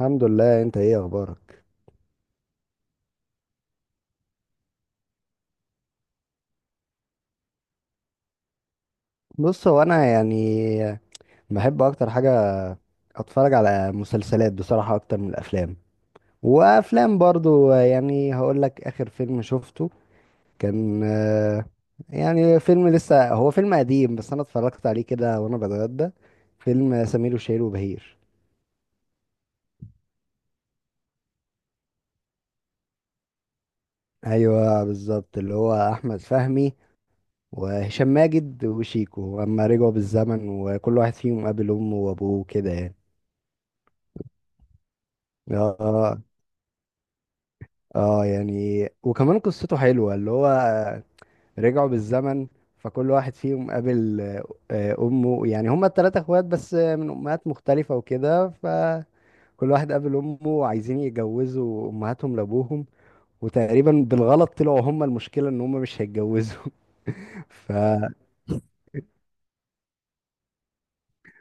الحمد لله، انت ايه اخبارك؟ بص، هو انا يعني بحب اكتر حاجه اتفرج على مسلسلات بصراحه اكتر من الافلام، وافلام برضو يعني هقول لك اخر فيلم شفته كان يعني فيلم، لسه هو فيلم قديم بس انا اتفرجت عليه كده وانا بتغدى. فيلم سمير وشهير وبهير. ايوه بالظبط، اللي هو احمد فهمي وهشام ماجد وشيكو اما رجعوا بالزمن وكل واحد فيهم قابل امه وابوه كده يعني. اه. اه يعني، وكمان قصته حلوة، اللي هو رجعوا بالزمن فكل واحد فيهم قابل أمه. يعني هما التلاتة اخوات بس من أمهات مختلفة وكده، فكل واحد قابل أمه وعايزين يتجوزوا أمهاتهم لأبوهم، وتقريبا بالغلط طلعوا هما المشكلة إن هما مش هيتجوزوا.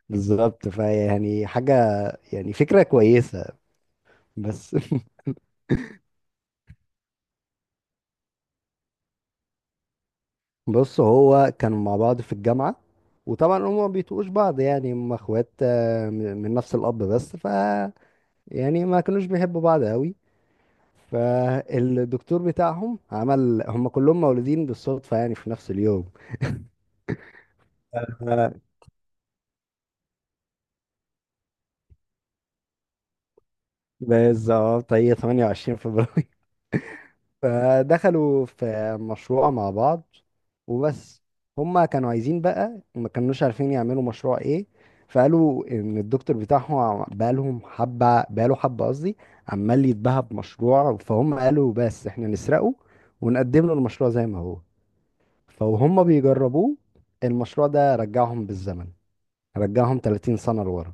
فبالظبط، فيعني حاجة، يعني فكرة كويسة بس. بص هو كانوا مع بعض في الجامعة، وطبعا هما ما بيتقوش بعض، يعني هما اخوات من نفس الأب، بس ف يعني ما كانوش بيحبوا بعض قوي. فالدكتور بتاعهم عمل هما كلهم مولودين بالصدفة يعني في نفس اليوم. ف- بالظبط، هي 28 فبراير. فدخلوا في مشروع مع بعض وبس. هما كانوا عايزين بقى، ما كانوش عارفين يعملوا مشروع ايه، فقالوا ان الدكتور بتاعهم بقالهم حبة، بقاله حبة قصدي، عمال يتباهى بمشروع، فهم قالوا بس احنا نسرقه ونقدم له المشروع زي ما هو. فهم بيجربوه، المشروع ده رجعهم بالزمن، رجعهم 30 سنة لورا.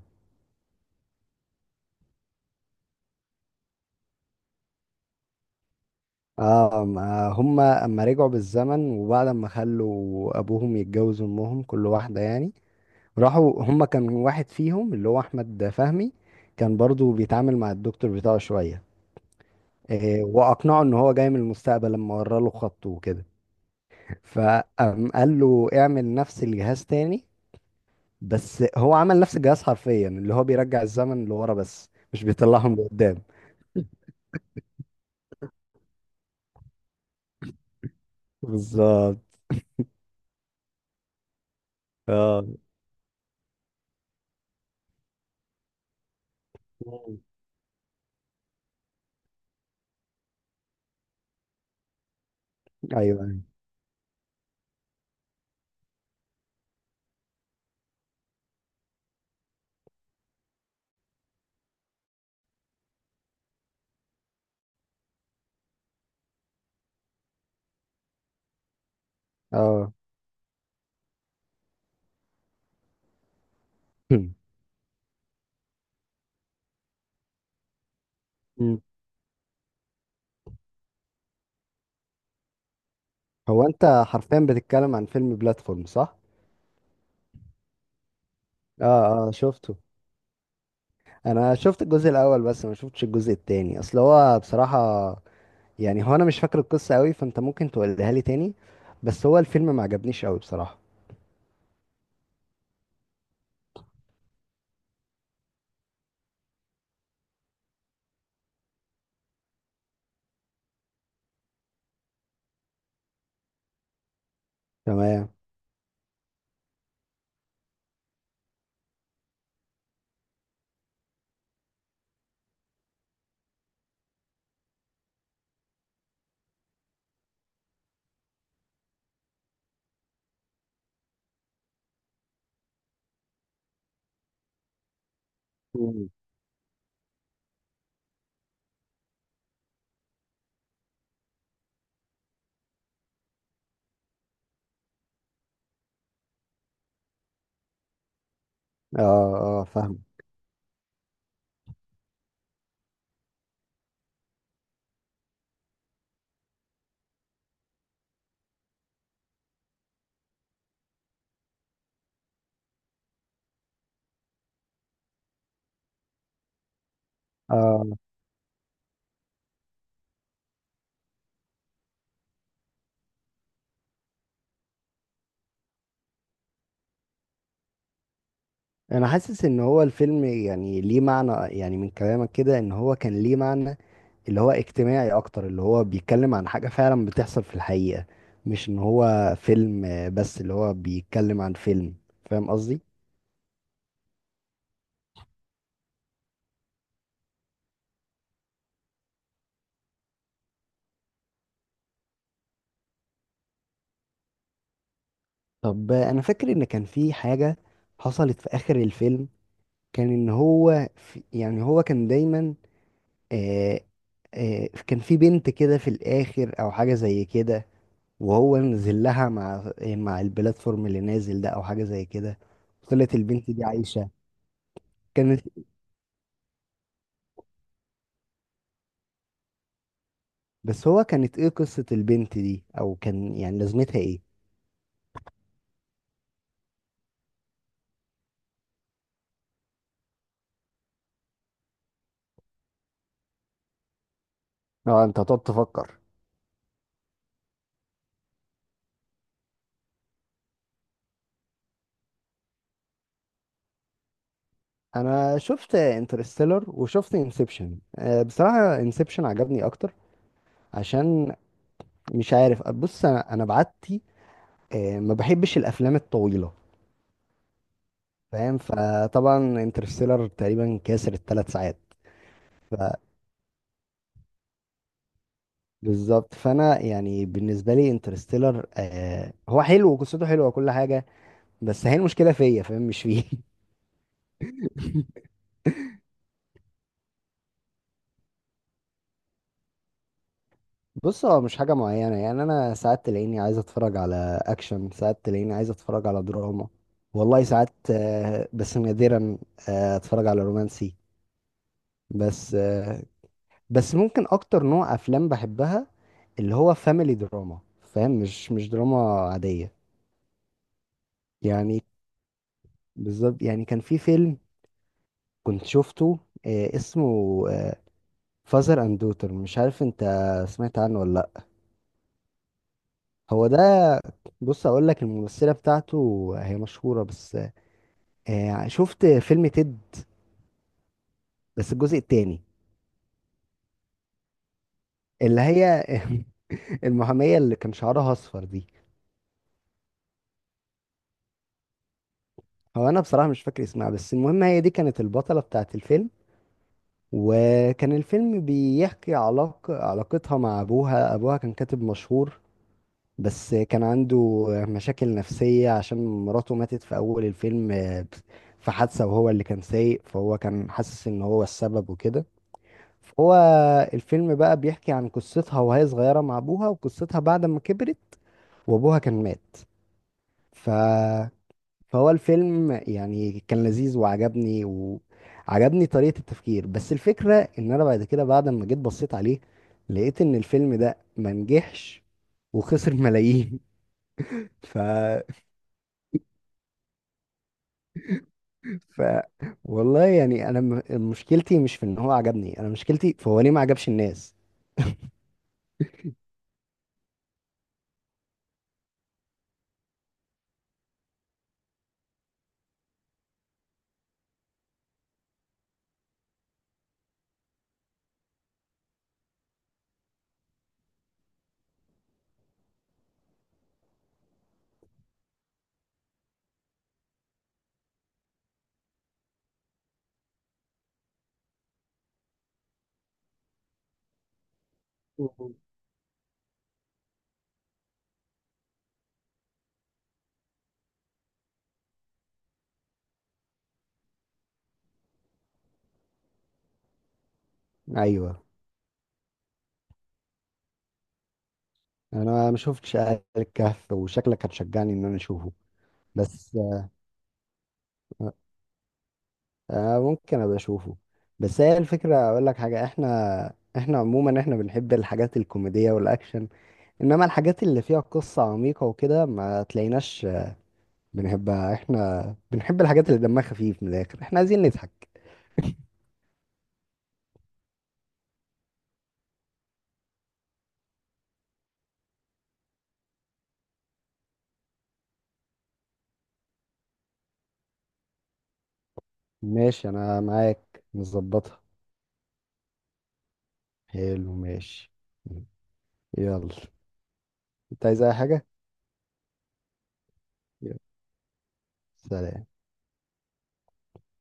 اه، ما هم اما رجعوا بالزمن وبعد ما خلوا ابوهم يتجوز امهم كل واحدة يعني، راحوا. هما كان واحد فيهم اللي هو احمد فهمي كان برضو بيتعامل مع الدكتور بتاعه شويه. واقنعه ان هو جاي من المستقبل لما ورى له خطه وكده، فقام قال له اعمل نفس الجهاز تاني. بس هو عمل نفس الجهاز حرفيا، اللي هو بيرجع الزمن لورا بس مش بيطلعهم لقدام. بالظبط. اه. ايوه. أيوة. اه. هو انت حرفيا بتتكلم عن فيلم بلاتفورم، صح؟ اه اه، شفته. انا شفت الجزء الاول بس ما شفتش الجزء التاني، اصل هو بصراحة، يعني هو انا مش فاكر القصة قوي، فانت ممكن تقولها لي تاني. بس هو الفيلم ما عجبنيش قوي بصراحة. تمام. مم. اه اه، فاهم. اه. انا حاسس ان هو الفيلم يعني ليه معنى، يعني من كلامك كده ان هو كان ليه معنى اللي هو اجتماعي اكتر، اللي هو بيتكلم عن حاجة فعلا بتحصل في الحقيقة، مش ان هو فيلم بس اللي هو بيتكلم عن فيلم، فاهم قصدي؟ طب انا فاكر ان كان في حاجة حصلت في اخر الفيلم، كان ان هو في، يعني هو كان دايما آه كان في بنت كده في الاخر او حاجة زي كده، وهو نزل لها مع البلاتفورم اللي نازل ده او حاجة زي كده. طلعت البنت دي عايشة. كانت. بس هو كانت ايه قصة البنت دي او كان يعني لازمتها ايه؟ اه، انت هتقعد تفكر. انا شفت انترستيلر وشفت انسبشن، بصراحة انسبشن عجبني اكتر. عشان مش عارف، بص انا بعتي ما بحبش الافلام الطويله، فاهم؟ فطبعا انترستيلر تقريبا كاسر ال3 ساعات. فبالظبط، فانا يعني بالنسبه لي انترستيلر هو حلو وقصته حلوه وكل حاجه، بس هي المشكله فيا، فاهم، مش فيه. بص هو مش حاجه معينه، يعني انا ساعات تلاقيني عايز اتفرج على اكشن، ساعات تلاقيني عايز اتفرج على دراما. والله ساعات بس نادرا اتفرج على رومانسي. بس بس ممكن اكتر نوع افلام بحبها اللي هو فاميلي دراما، فاهم؟ مش دراما عادية، يعني بالظبط. يعني كان في فيلم كنت شفته اسمه فازر اند دوتر، مش عارف انت سمعت عنه ولا لا. هو ده، بص اقول لك، الممثلة بتاعته هي مشهورة، بس شفت فيلم تيد بس الجزء التاني؟ اللي هي المحامية اللي كان شعرها اصفر دي. هو انا بصراحة مش فاكر اسمها، بس المهم هي دي كانت البطلة بتاعت الفيلم، وكان الفيلم بيحكي علاقة علاقتها مع أبوها. أبوها كان كاتب مشهور بس كان عنده مشاكل نفسية عشان مراته ماتت في أول الفيلم في حادثة، وهو اللي كان سايق، فهو كان حاسس إن هو السبب وكده. فهو الفيلم بقى بيحكي عن قصتها وهي صغيرة مع أبوها، وقصتها بعد ما كبرت وأبوها كان مات. ف. فهو الفيلم يعني كان لذيذ وعجبني، وعجبني طريقة التفكير، بس الفكرة ان انا بعد كده، بعد ما جيت بصيت عليه، لقيت ان الفيلم ده ما نجحش وخسر ملايين. ف... ف والله يعني انا مشكلتي مش في ان هو عجبني، انا مشكلتي فهو ليه ما عجبش الناس. مهم. ايوه. انا ما شفتش آل الكهف وشكلك هتشجعني ان انا اشوفه، بس ممكن ابقى اشوفه. بس هي الفكره اقول لك حاجه، احنا عموما احنا بنحب الحاجات الكوميديه والاكشن، انما الحاجات اللي فيها قصه عميقه وكده ما تلاقيناش بنحبها، احنا بنحب الحاجات اللي دمها خفيف من الاخر، احنا عايزين نضحك. ماشي انا معاك نظبطها. حلو ماشي. يلا. انت عايز اي حاجه؟ يلا. سلام.